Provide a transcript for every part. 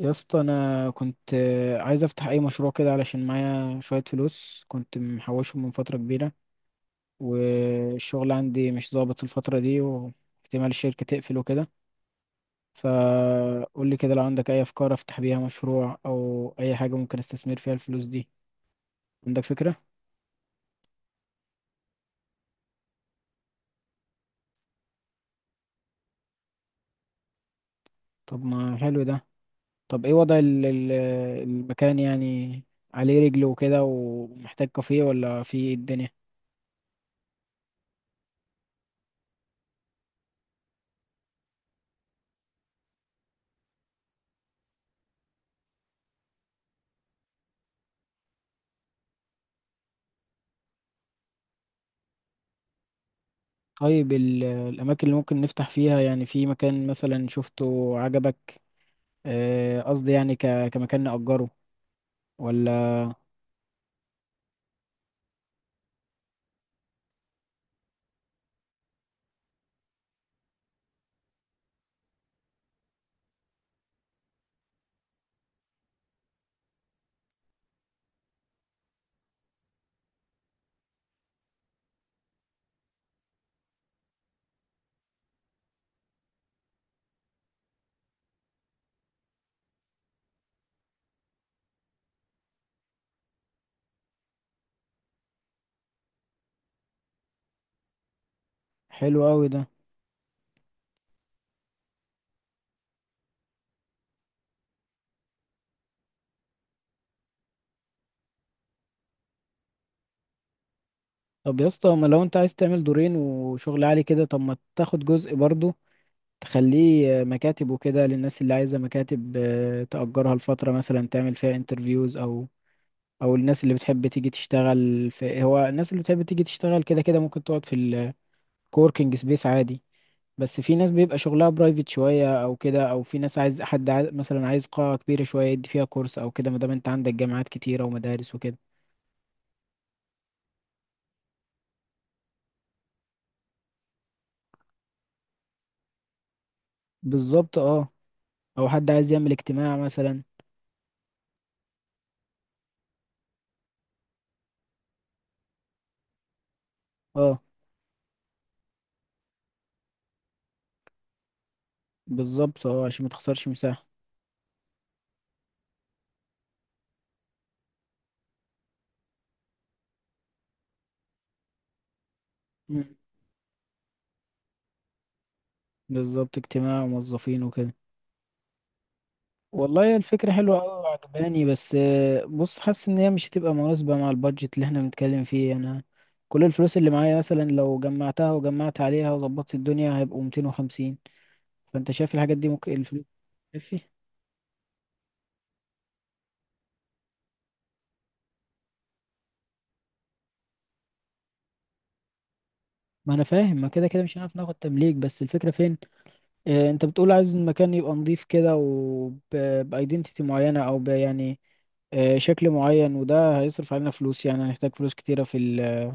يا اسطى، انا كنت عايز افتح اي مشروع كده علشان معايا شويه فلوس كنت محوشهم من فتره كبيره. والشغل عندي مش ظابط الفتره دي، واحتمال الشركه تقفل وكده. فقول لي كده لو عندك اي افكار افتح بيها مشروع او اي حاجه ممكن استثمر فيها الفلوس دي. عندك فكره؟ طب ما حلو ده. طب ايه وضع المكان يعني؟ عليه رجل وكده ومحتاج كافيه، ولا في إيه الدنيا؟ طيب، الأماكن اللي ممكن نفتح فيها، يعني في مكان مثلا شفته عجبك؟ قصدي يعني كمكان نأجره، ولا؟ حلو أوي ده. طب يا اسطى، ما لو أنت عايز تعمل دورين وشغل عالي كده، طب ما تاخد جزء برضه، تخليه مكاتب وكده للناس اللي عايزة مكاتب، تأجرها لفترة مثلا، تعمل فيها انترفيوز، أو الناس اللي بتحب تيجي تشتغل في هو الناس اللي بتحب تيجي تشتغل كده كده، ممكن تقعد في الكوركينج سبيس عادي. بس في ناس بيبقى شغلها برايفت شوية او كده، او في ناس عايز، حد عايز مثلا عايز قاعة كبيرة شوية يدي فيها كورس او كده، ما دام انت عندك جامعات كتيرة ومدارس وكده. بالظبط، اه. او حد عايز يعمل اجتماع مثلا. اه، بالظبط، اه، عشان ما تخسرش مساحة. مم. بالظبط، اجتماع وموظفين وكده. والله، الفكرة حلوة أوي وعجباني، بس بص، حاسس إن هي مش هتبقى مناسبة مع البادجت اللي احنا بنتكلم فيه أنا. كل الفلوس اللي معايا مثلا، لو جمعتها وجمعت عليها وظبطت الدنيا، هيبقوا 250. فانت شايف الحاجات دي ممكن الفلوس تكفي؟ ما انا فاهم، ما كده كده مش هنعرف ناخد تمليك، بس الفكرة فين؟ انت بتقول عايز المكان يبقى نظيف كده وبايدنتيتي معينة، او يعني، شكل معين، وده هيصرف علينا فلوس، يعني هنحتاج فلوس كتيرة في ال...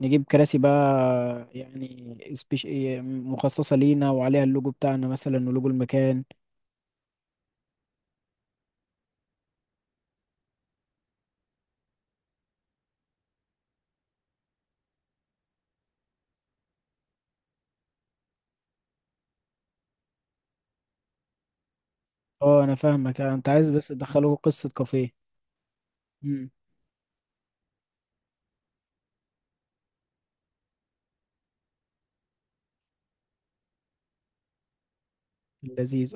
نجيب كراسي بقى، يعني سبيش... مخصصة لينا وعليها اللوجو بتاعنا مثلا، ولوجو المكان. اه، انا فاهمك، انت عايز بس تدخله قصة كافيه. امم. لذيذ.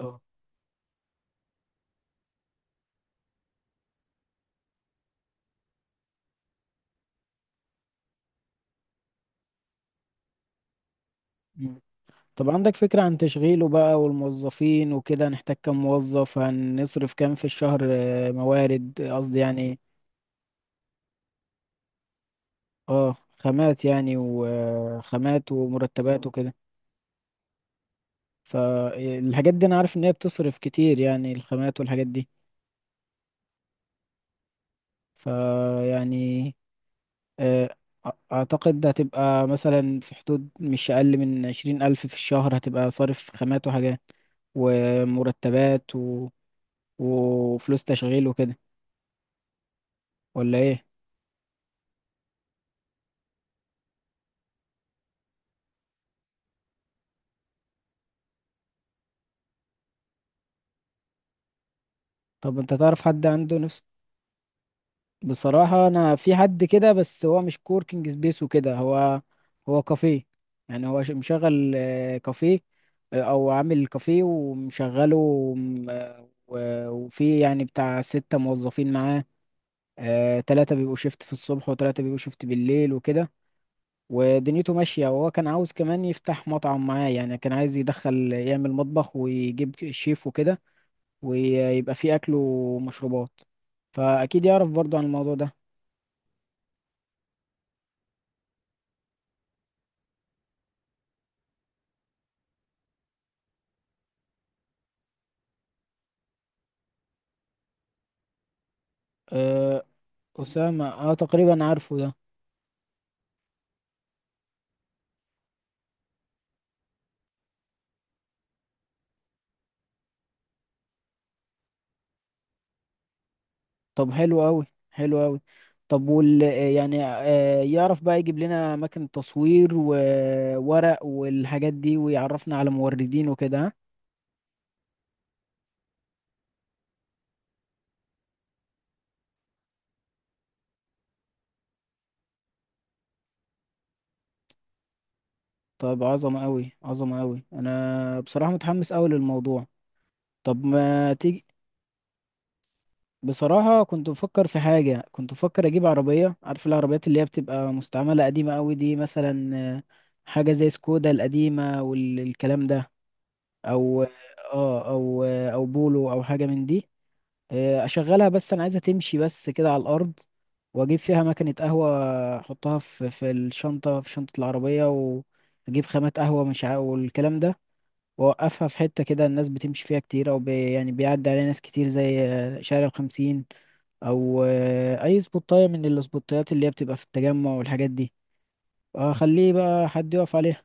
اه، طب عندك فكرة عن تشغيله بقى والموظفين وكده؟ هنحتاج كام موظف، هنصرف كام في الشهر، موارد، قصدي يعني، اه، خامات يعني، وخامات ومرتبات وكده. فالحاجات دي انا عارف ان هي بتصرف كتير، يعني الخامات والحاجات دي، فيعني آه، اعتقد هتبقى مثلا في حدود مش اقل من 20 ألف في الشهر، هتبقى صارف خامات وحاجات ومرتبات و... وفلوس تشغيل وكده. ولا ايه؟ طب انت تعرف حد عنده نفس؟ بصراحة انا في حد كده، بس هو مش كوركينج سبيس وكده، هو كافيه. يعني هو مشغل كافيه، او عامل كافيه ومشغله و- وفي يعني بتاع 6 موظفين معاه. تلاتة بيبقوا شيفت في الصبح، وتلاتة بيبقوا شيفت بالليل وكده. ودنيته ماشية، وهو كان عاوز كمان يفتح مطعم معاه، يعني كان عايز يدخل يعمل مطبخ ويجيب شيف وكده، ويبقى فيه أكل ومشروبات. فأكيد يعرف برضو عن الموضوع ده. أه، أسامة، أه، تقريبا عارفه ده. طب حلو أوي. حلو أوي. طب، يعني يعرف بقى يجيب لنا أماكن تصوير وورق والحاجات دي، ويعرفنا على موردين وكده، ها؟ طب عظمة أوي، عظمة أوي، أنا بصراحة متحمس أوي للموضوع. طب ما تيجي. بصراحة، كنت بفكر في حاجة، كنت بفكر أجيب عربية، عارف العربيات اللي هي بتبقى مستعملة قديمة أوي دي مثلا. آه، حاجة زي سكودا القديمة والكلام ده. أو أو بولو، أو حاجة من دي. أشغلها، بس أنا عايزها تمشي بس كده على الأرض. وأجيب فيها مكنة قهوة، أحطها في الشنطة، في شنطة العربية، وأجيب خامات قهوة، مش والكلام ده. وأوقفها في حتة كده الناس بتمشي فيها كتير، أو يعني بيعدي عليها ناس كتير، زي شارع الخمسين، او اي سبوتايه من السبوتايات اللي هي بتبقى في التجمع والحاجات دي. اخليه بقى حد يقف عليها.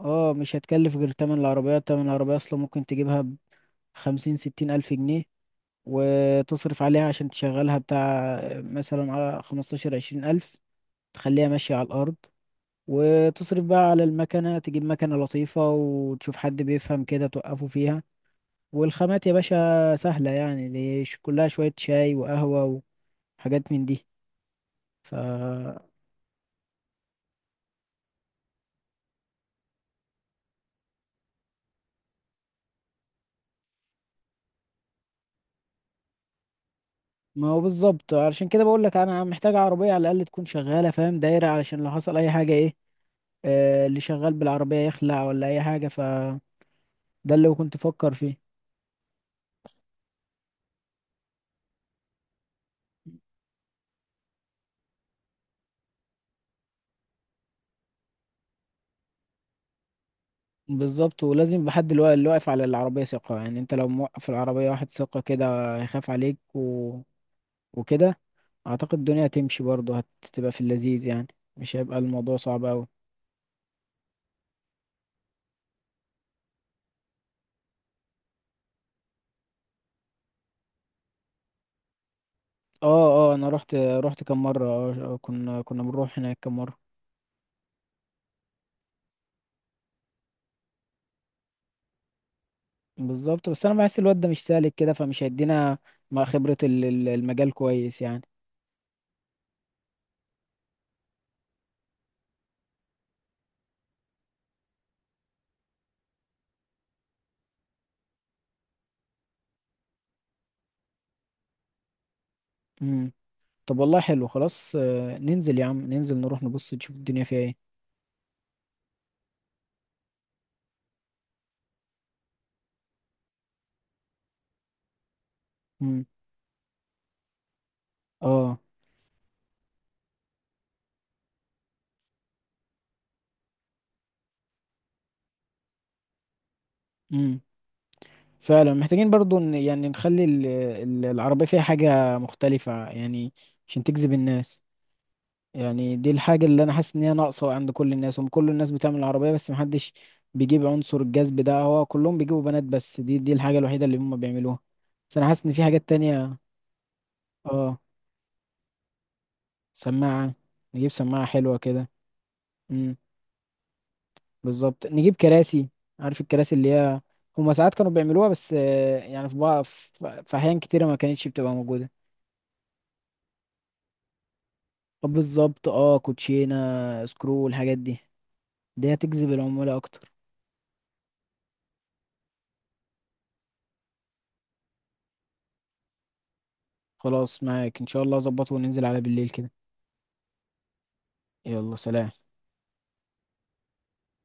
اه، مش هتكلف غير تمن العربية. تمن العربية اصلا ممكن تجيبها بخمسين ستين الف جنيه، وتصرف عليها عشان تشغلها بتاع، مثلا على 15-20 ألف، تخليها ماشية على الارض. وتصرف بقى على المكنة، تجيب مكنة لطيفة وتشوف حد بيفهم كده توقفه فيها. والخامات يا باشا سهلة، يعني دي كلها شوية شاي وقهوة وحاجات من دي. ف... ما هو بالظبط، علشان كده بقول لك انا محتاج عربيه على الاقل تكون شغاله، فاهم، دايره، علشان لو حصل اي حاجه ايه، اللي شغال بالعربيه يخلع ولا اي حاجه، فده اللي كنت افكر فيه. بالظبط، ولازم بحد، اللي واقف على العربيه ثقه، يعني انت لو موقف العربيه واحد ثقه كده هيخاف عليك و... وكده. اعتقد الدنيا هتمشي برضه، هتبقى في اللذيذ يعني، مش هيبقى الموضوع صعب قوي. اه، اه، انا رحت كم مره، كنا بنروح هناك كم مره. بالظبط، بس انا بحس الواد ده مش سالك كده فمش هيدينا مع خبرة المجال كويس يعني. امم. طب والله حلو، خلاص، ننزل يا عم، ننزل نروح نبص نشوف الدنيا فيها ايه. امم. اه. امم. فعلا محتاجين برضو يعني نخلي العربية فيها حاجة مختلفة يعني، عشان تجذب الناس. يعني دي الحاجة اللي انا حاسس ان هي ناقصة عند كل الناس، هم كل الناس بتعمل عربية بس محدش بيجيب عنصر الجذب ده، هو كلهم بيجيبوا بنات، بس دي الحاجة الوحيدة اللي هم بيعملوها. بس انا حاسس ان في حاجات تانية. اه، سماعة، نجيب سماعة حلوة كده. امم. بالظبط، نجيب كراسي. عارف الكراسي اللي هي هما ساعات كانوا بيعملوها، بس يعني في بعض، في أحيان كتيرة ما كانتش بتبقى موجودة. طب، بالظبط، اه، كوتشينة، سكرو، الحاجات دي دي هتجذب العمولة أكتر. خلاص، معاك إن شاء الله أظبطه وننزل على بالليل كده. يلا، سلام.